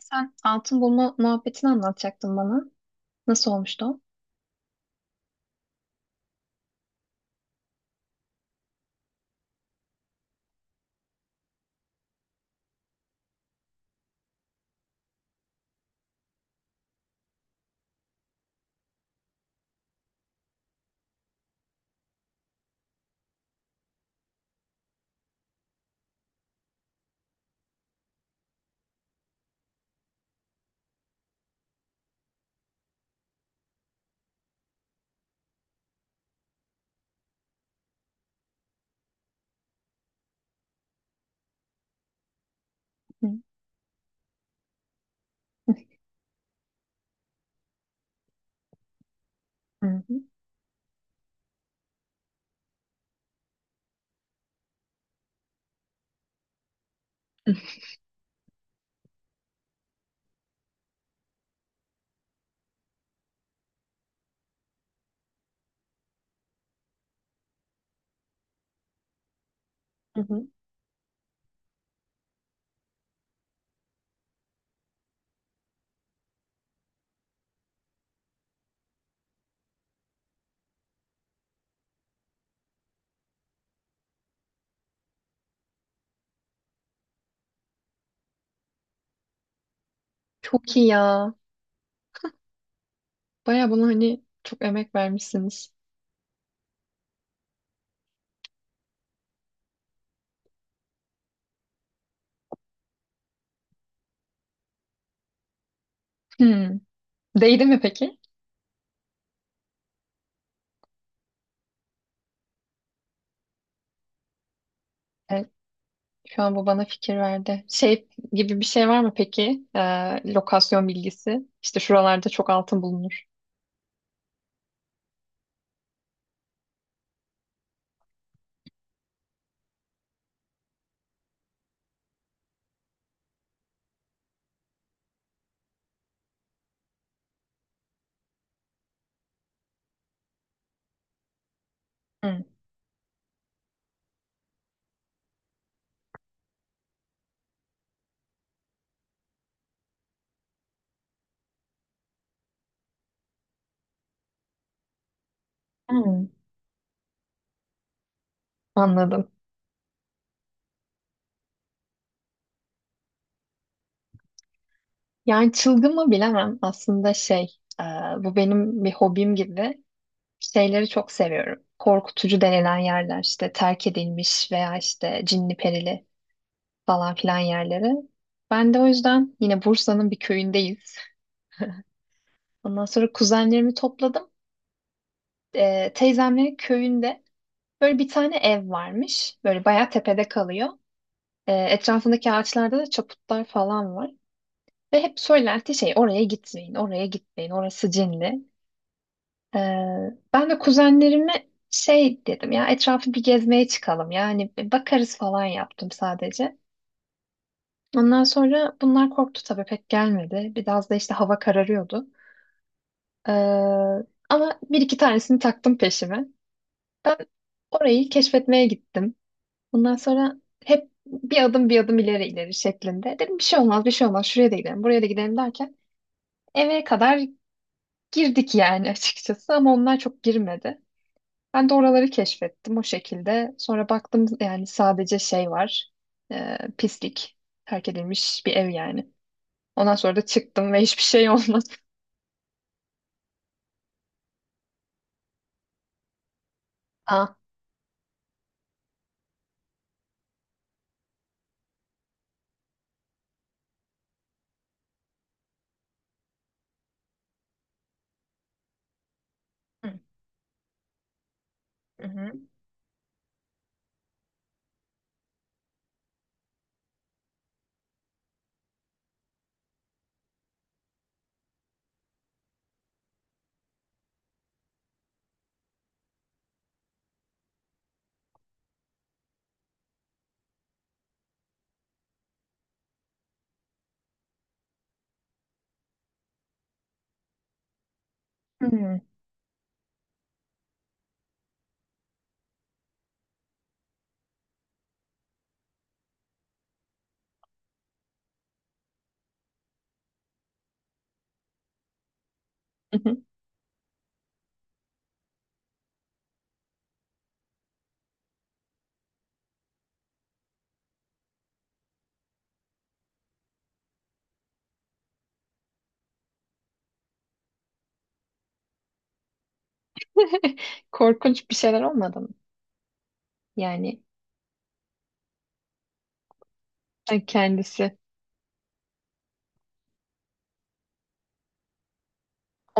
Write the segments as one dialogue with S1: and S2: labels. S1: Sen altın bulma muhabbetini anlatacaktın bana. Nasıl olmuştu o? Hı. Hı hı. Hı hı. Çok iyi ya. Baya buna hani çok emek vermişsiniz. Hı. Değdi mi peki? Evet, şu an bu bana fikir verdi. Şey gibi bir şey var mı peki? Lokasyon bilgisi. İşte şuralarda çok altın bulunur. Hı. Hı. Anladım. Yani çılgın mı bilemem. Aslında şey, bu benim bir hobim gibi. Şeyleri çok seviyorum. Korkutucu denilen yerler işte terk edilmiş veya işte cinli perili falan filan yerleri. Ben de o yüzden yine Bursa'nın bir köyündeyiz. Ondan sonra kuzenlerimi topladım. Teyzemlerin köyünde böyle bir tane ev varmış. Böyle bayağı tepede kalıyor. Etrafındaki ağaçlarda da çaputlar falan var. Ve hep söylenti şey oraya gitmeyin, oraya gitmeyin, orası cinli. Ee, ben de kuzenlerime şey dedim ya etrafı bir gezmeye çıkalım yani bir bakarız falan yaptım sadece. Ondan sonra bunlar korktu tabii pek gelmedi. Biraz da işte hava kararıyordu. Ee, ama bir iki tanesini taktım peşime. Ben orayı keşfetmeye gittim. Ondan sonra hep bir adım bir adım ileri ileri şeklinde. Dedim bir şey olmaz bir şey olmaz şuraya da gidelim buraya da gidelim derken eve kadar girdik yani açıkçası ama onlar çok girmedi. Ben de oraları keşfettim o şekilde. Sonra baktım yani sadece şey var. Pislik. Terk edilmiş bir ev yani. Ondan sonra da çıktım ve hiçbir şey olmadı. Ah. Hı hı. Hmm. Korkunç bir şeyler olmadı mı? Yani kendisi.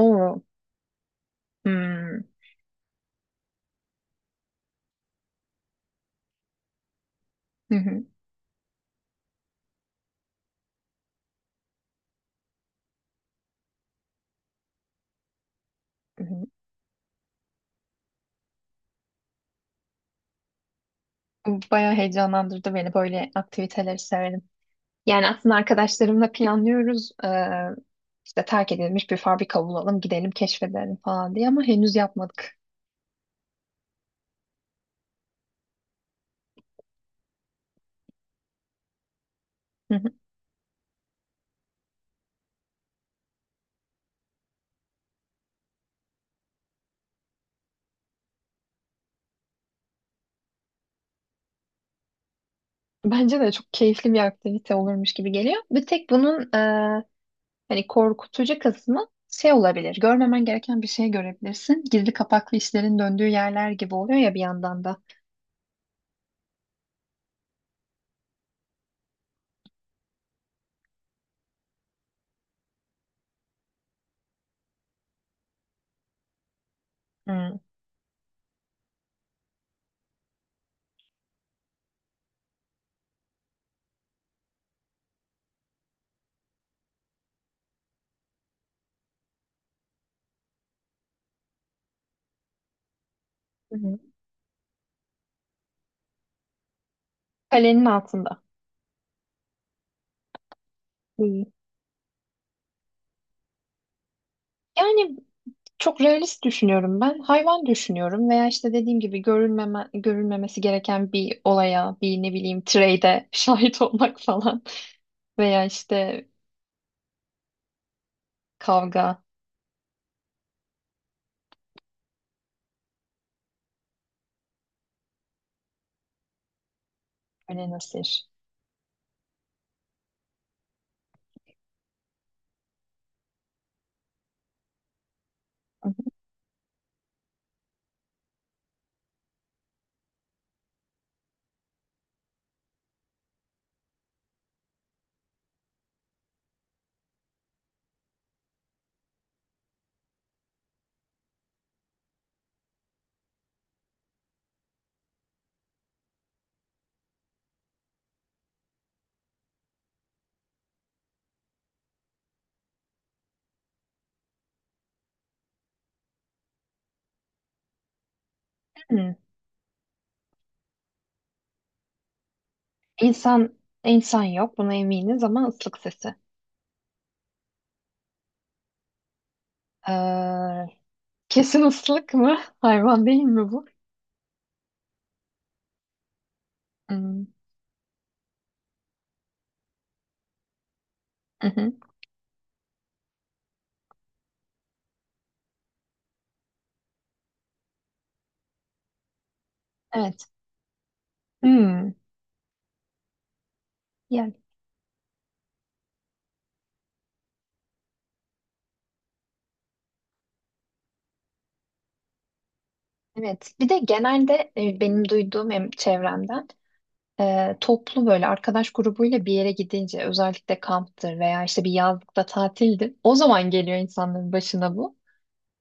S1: Oo. Hmm. Hı hı. Hı hı. Bu bayağı heyecanlandırdı beni. Böyle aktiviteleri severim. Yani aslında arkadaşlarımla planlıyoruz. İşte terk edilmiş bir fabrika bulalım, gidelim keşfedelim falan diye ama henüz yapmadık. Hı hı. Bence de çok keyifli bir aktivite olurmuş gibi geliyor. Bir tek bunun hani korkutucu kısmı şey olabilir. Görmemen gereken bir şey görebilirsin. Gizli kapaklı işlerin döndüğü yerler gibi oluyor ya bir yandan da. Hmm. Hı hı. Kalenin altında. Hı. Yani çok realist düşünüyorum ben. Hayvan düşünüyorum veya işte dediğim gibi görülmeme, görülmemesi gereken bir olaya, bir ne bileyim trade'e şahit olmak falan. Veya işte kavga, öyle nasır. Hmm. İnsan, insan yok buna eminiz ama ıslık sesi. Ee, kesin ıslık mı? Hayvan değil mi bu? Hmm. Hı hı. Evet. Hmm. Yani evet. Bir de genelde benim duyduğum hem çevremden toplu böyle arkadaş grubuyla bir yere gidince özellikle kamptır veya işte bir yazlıkta tatildir. O zaman geliyor insanların başına bu.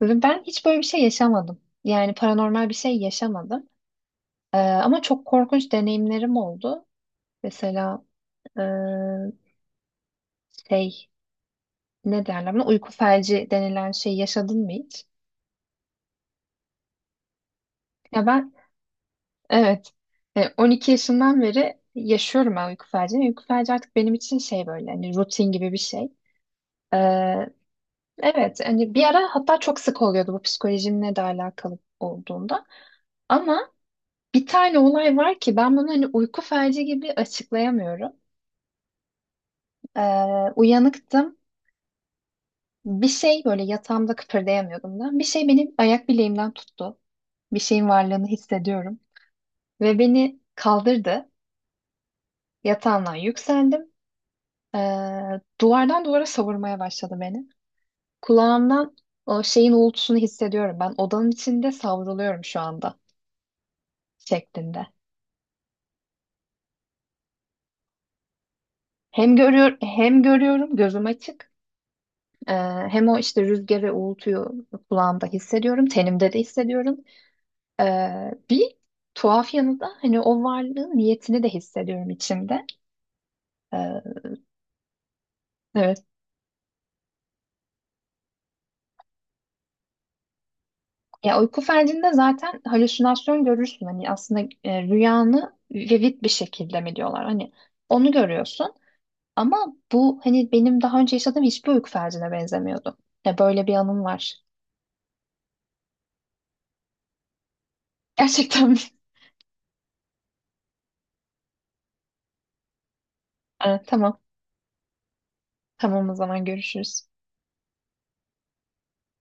S1: Ve ben hiç böyle bir şey yaşamadım. Yani paranormal bir şey yaşamadım. Ama çok korkunç deneyimlerim oldu. Mesela e, şey ne derler buna uyku felci denilen şey yaşadın mı hiç? Ya ben evet 12 yaşından beri yaşıyorum ben uyku felcini. Uyku felci artık benim için şey böyle hani rutin gibi bir şey. Evet, hani bir ara hatta çok sık oluyordu bu psikolojimle de alakalı olduğunda. Ama bir tane olay var ki ben bunu hani uyku felci gibi açıklayamıyorum. Uyanıktım. Bir şey böyle yatağımda kıpırdayamıyordum da. Bir şey benim ayak bileğimden tuttu. Bir şeyin varlığını hissediyorum. Ve beni kaldırdı. Yatağımdan yükseldim. Ee, duvardan duvara savurmaya başladı beni. Kulağımdan o şeyin uğultusunu hissediyorum. Ben odanın içinde savruluyorum şu anda şeklinde. Hem görüyor hem görüyorum gözüm açık. Ee, hem o işte rüzgarı, uğultuyu kulağımda hissediyorum, tenimde de hissediyorum. Ee, bir tuhaf yanı da hani o varlığın niyetini de hissediyorum içimde. Ee, evet. Ya uyku felcinde zaten halüsinasyon görürsün. Hani aslında rüyanı vivid bir şekilde mi diyorlar? Hani onu görüyorsun. Ama bu hani benim daha önce yaşadığım hiçbir uyku felcine benzemiyordu. Ya böyle bir anım var. Gerçekten mi? Tamam. Tamam o zaman görüşürüz.